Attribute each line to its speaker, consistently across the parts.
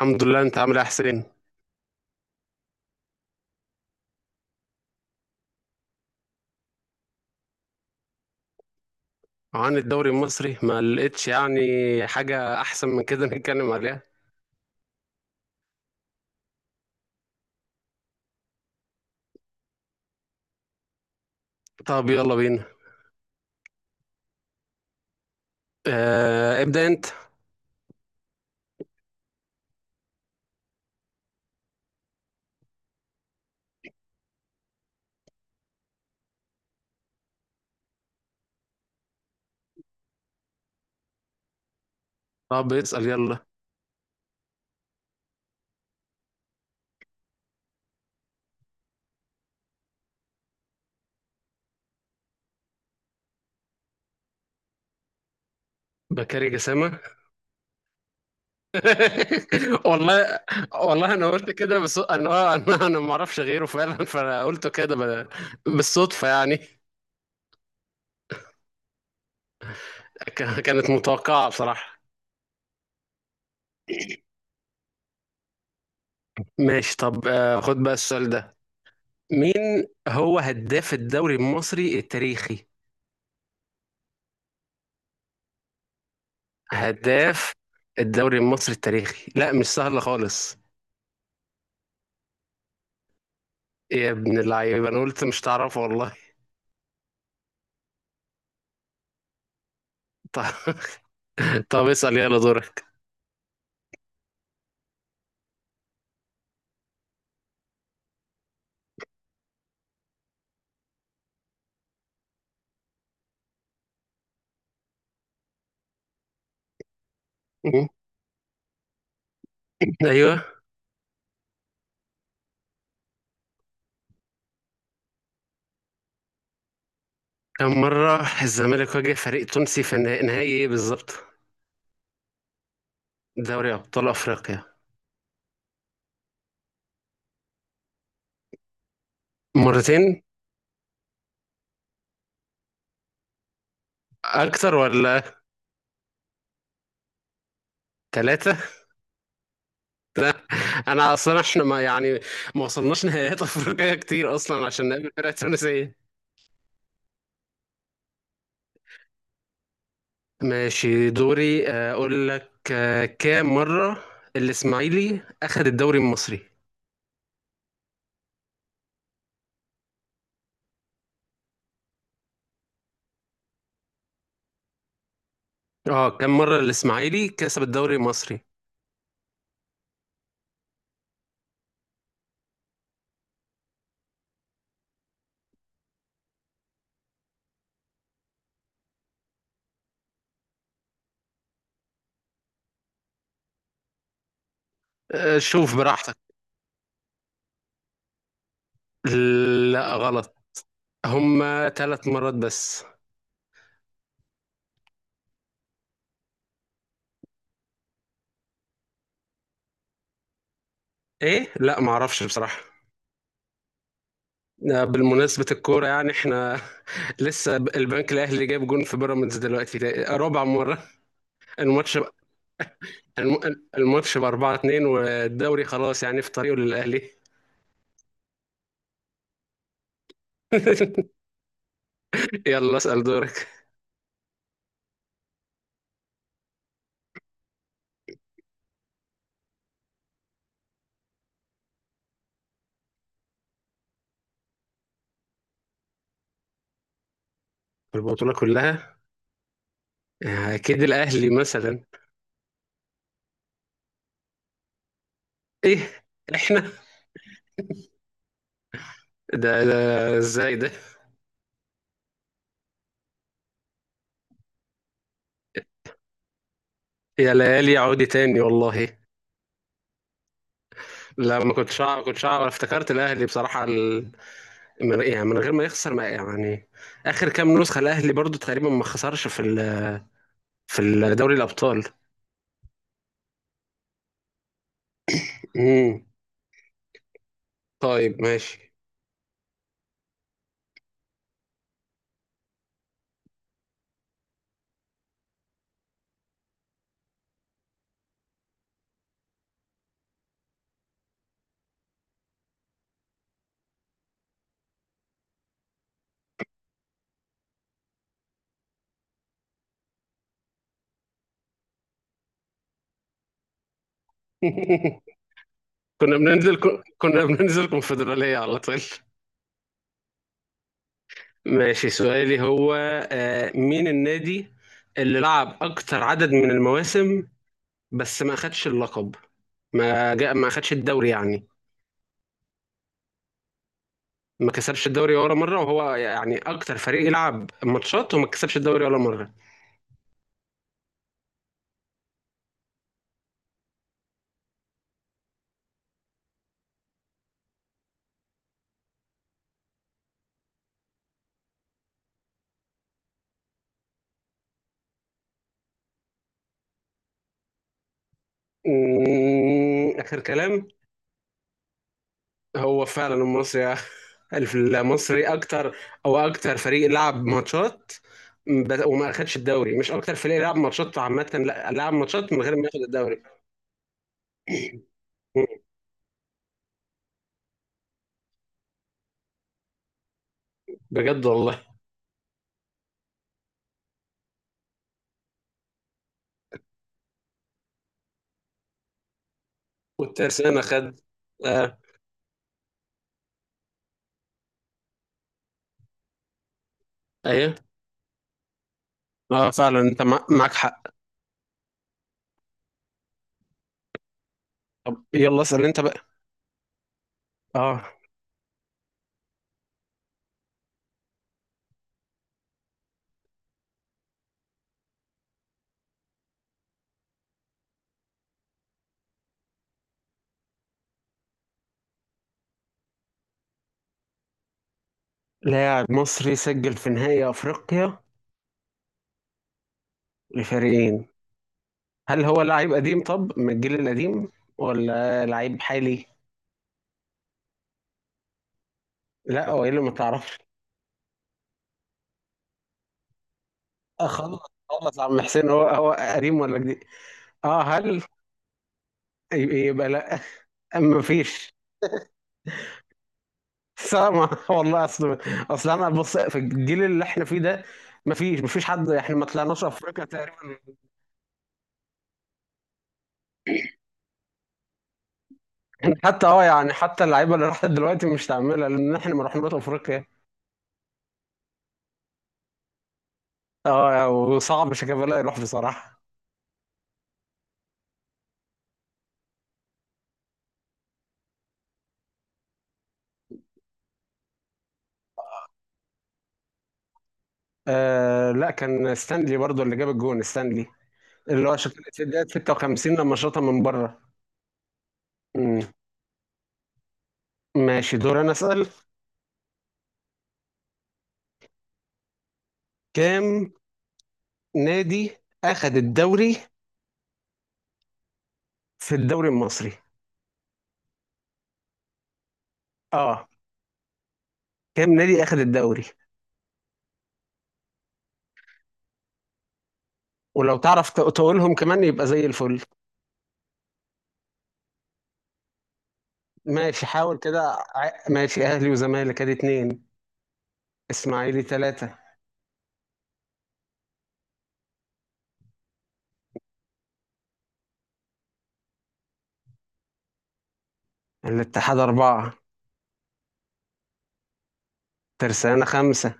Speaker 1: الحمد لله. انت عامل ايه يا حسين؟ عن الدوري المصري ما لقيتش يعني حاجة احسن من كده نتكلم عليها. طب يلا بينا. اه ابدأ انت. طب اسأل يلا. بكاري جسامة. والله. والله انا قلت كده، بس انا انا ما اعرفش غيره فعلا، فانا قلته كده بالصدفة يعني. كانت متوقعة بصراحة. ماشي، طب خد بقى السؤال ده. مين هو هداف الدوري المصري التاريخي؟ هداف الدوري المصري التاريخي لا مش سهل خالص. إيه يا ابن اللعيبه، انا قلت مش تعرف والله. طب طب اسال يلا دورك. ايوه. كم مره الزمالك واجه فريق تونسي في نهائي ايه بالظبط؟ دوري ابطال افريقيا. مرتين. اكتر ولا؟ ثلاثه. انا اصلا احنا ما يعني ما وصلناش نهائيات افريقيا كتير اصلا عشان نقابل فرق تونسيه. ماشي، دوري اقول لك، كام مره الاسماعيلي اخذ الدوري المصري؟ اه كم مرة الإسماعيلي كسب الدوري المصري؟ شوف براحتك. لا غلط. هما ثلاث مرات بس. ايه، لا معرفش بصراحة. بالمناسبة الكورة يعني احنا لسه البنك الأهلي جايب جون في بيراميدز دلوقتي، ده رابع مرة. الماتش الماتش ب 4-2، والدوري خلاص يعني في طريقه للأهلي. يلا اسأل دورك. البطولة كلها؟ أكيد الأهلي مثلا. ايه؟ احنا؟ ده ازاي ده؟ يا ليالي عودي تاني والله. لا ما كنتش أعرف، افتكرت الأهلي بصراحة. من... يعني من غير ما يخسر ما يعني، آخر كام نسخة الأهلي برضو تقريبا ما خسرش في في دوري الأبطال. امم. طيب ماشي. كنا بننزل كنا بننزل كونفدرالية على طول. ماشي، سؤالي هو، مين النادي اللي لعب أكتر عدد من المواسم بس ما خدش اللقب؟ ما خدش الدوري يعني، ما كسبش الدوري ولا مره، وهو يعني اكتر فريق يلعب ماتشات وما كسبش الدوري ولا مره. اخر كلام. هو فعلا المصري. المصري اكتر، او اكتر فريق لعب ماتشات، وما اخدش الدوري. مش اكتر فريق لعب ماتشات عامه، لا، لعب ماتشات من غير ما ياخد الدوري. أمم، بجد والله. والترسانة خد. آه. ايوه. اه فعلا انت معاك حق. طب يلا اسال انت بقى. اه. لاعب مصري سجل في نهائي افريقيا لفريقين؟ هل هو لعيب قديم، طب من الجيل القديم ولا لعيب حالي؟ لا، هو ايه اللي ما تعرفش؟ خلاص. خلاص يا عم حسين، هو قديم ولا جديد؟ اه هل يبقى لا، ما فيش. سامع؟ والله اصل، اصل انا بص، في الجيل اللي احنا فيه ده ما فيش حد، احنا ما طلعناش افريقيا تقريبا. حتى حتى اللعيبه اللي راحت دلوقتي مش تعملها، لان احنا ما رحناش افريقيا. اه، وصعب شيكابالا يروح بصراحه. آه لا، كان ستانلي برضو اللي جاب الجون، ستانلي اللي هو شكل دقيقة 56 لما شاطها من بره. مم. ماشي، دور انا اسال. كام نادي اخذ الدوري في الدوري المصري؟ اه كام نادي اخذ الدوري؟ ولو تعرف تقولهم كمان يبقى زي الفل. ماشي، حاول كده. ماشي، اهلي وزمالك ادي اتنين. اسماعيلي تلاتة. الاتحاد اربعة. ترسانة خمسة.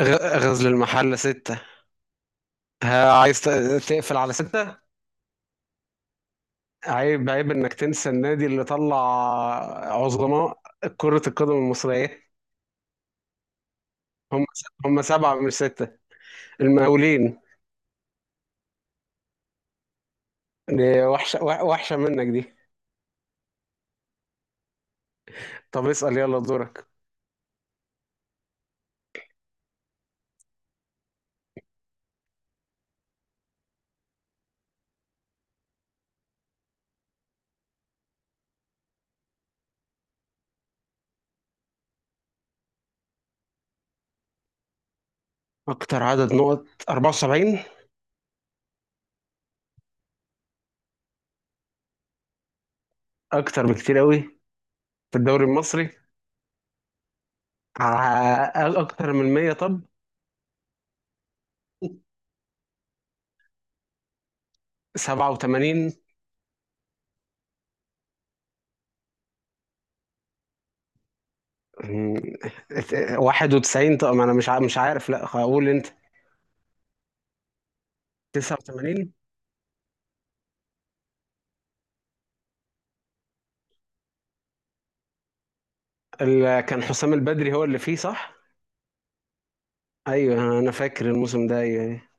Speaker 1: غزل المحلة ستة. ها، عايز تقفل على ستة؟ عيب انك تنسى النادي اللي طلع عظماء كرة القدم المصرية. هم. هم سبعة من ستة، المقاولين. دي وحشة، وحشة منك دي. طب اسأل يلا دورك. أكتر عدد نقط 74؟ أكتر بكتير قوي في الدوري المصري؟ أكتر من 100؟ طب 87؟ مم، 91؟ طب ما أنا مش مش عارف، لا أقول أنت. 89؟ كان حسام البدري هو اللي فيه صح؟ أيوه، أنا فاكر الموسم ده، أيوه أيوه.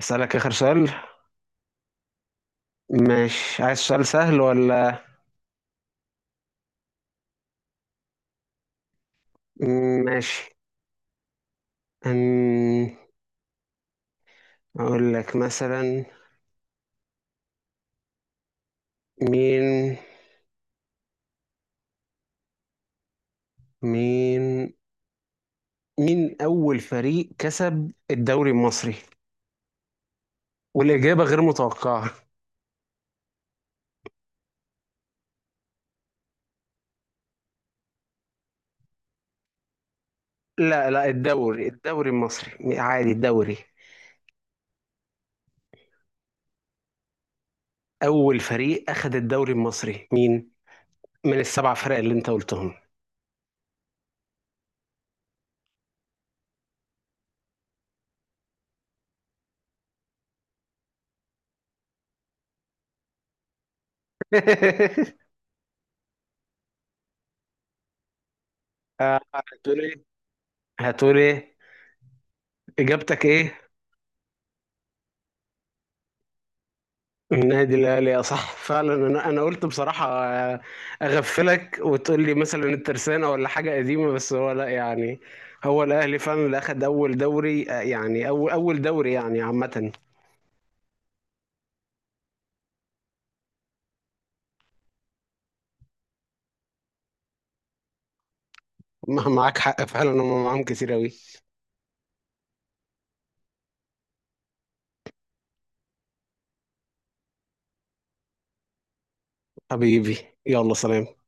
Speaker 1: أسألك آخر سؤال. ماشي، عايز سؤال سهل ولا؟ ماشي. أم، أقول لك مثلا، مين مين مين أول فريق كسب الدوري المصري؟ والإجابة غير متوقعة. لا لا، الدوري المصري عادي، الدوري. أول فريق أخد الدوري المصري مين؟ من السبع فرق اللي أنت قلتهم. هتقول إيه؟ هتقول إيه إجابتك إيه؟ النادي الاهلي. يا صح فعلا، انا قلت بصراحه اغفلك وتقول لي مثلا الترسانه ولا حاجه قديمه، بس هو لا يعني، هو الاهلي فعلا اللي اخد اول دوري، يعني اول دوري يعني عامه. معاك حق فعلا، هم معاهم كتير قوي. حبيبي. يلا سلام.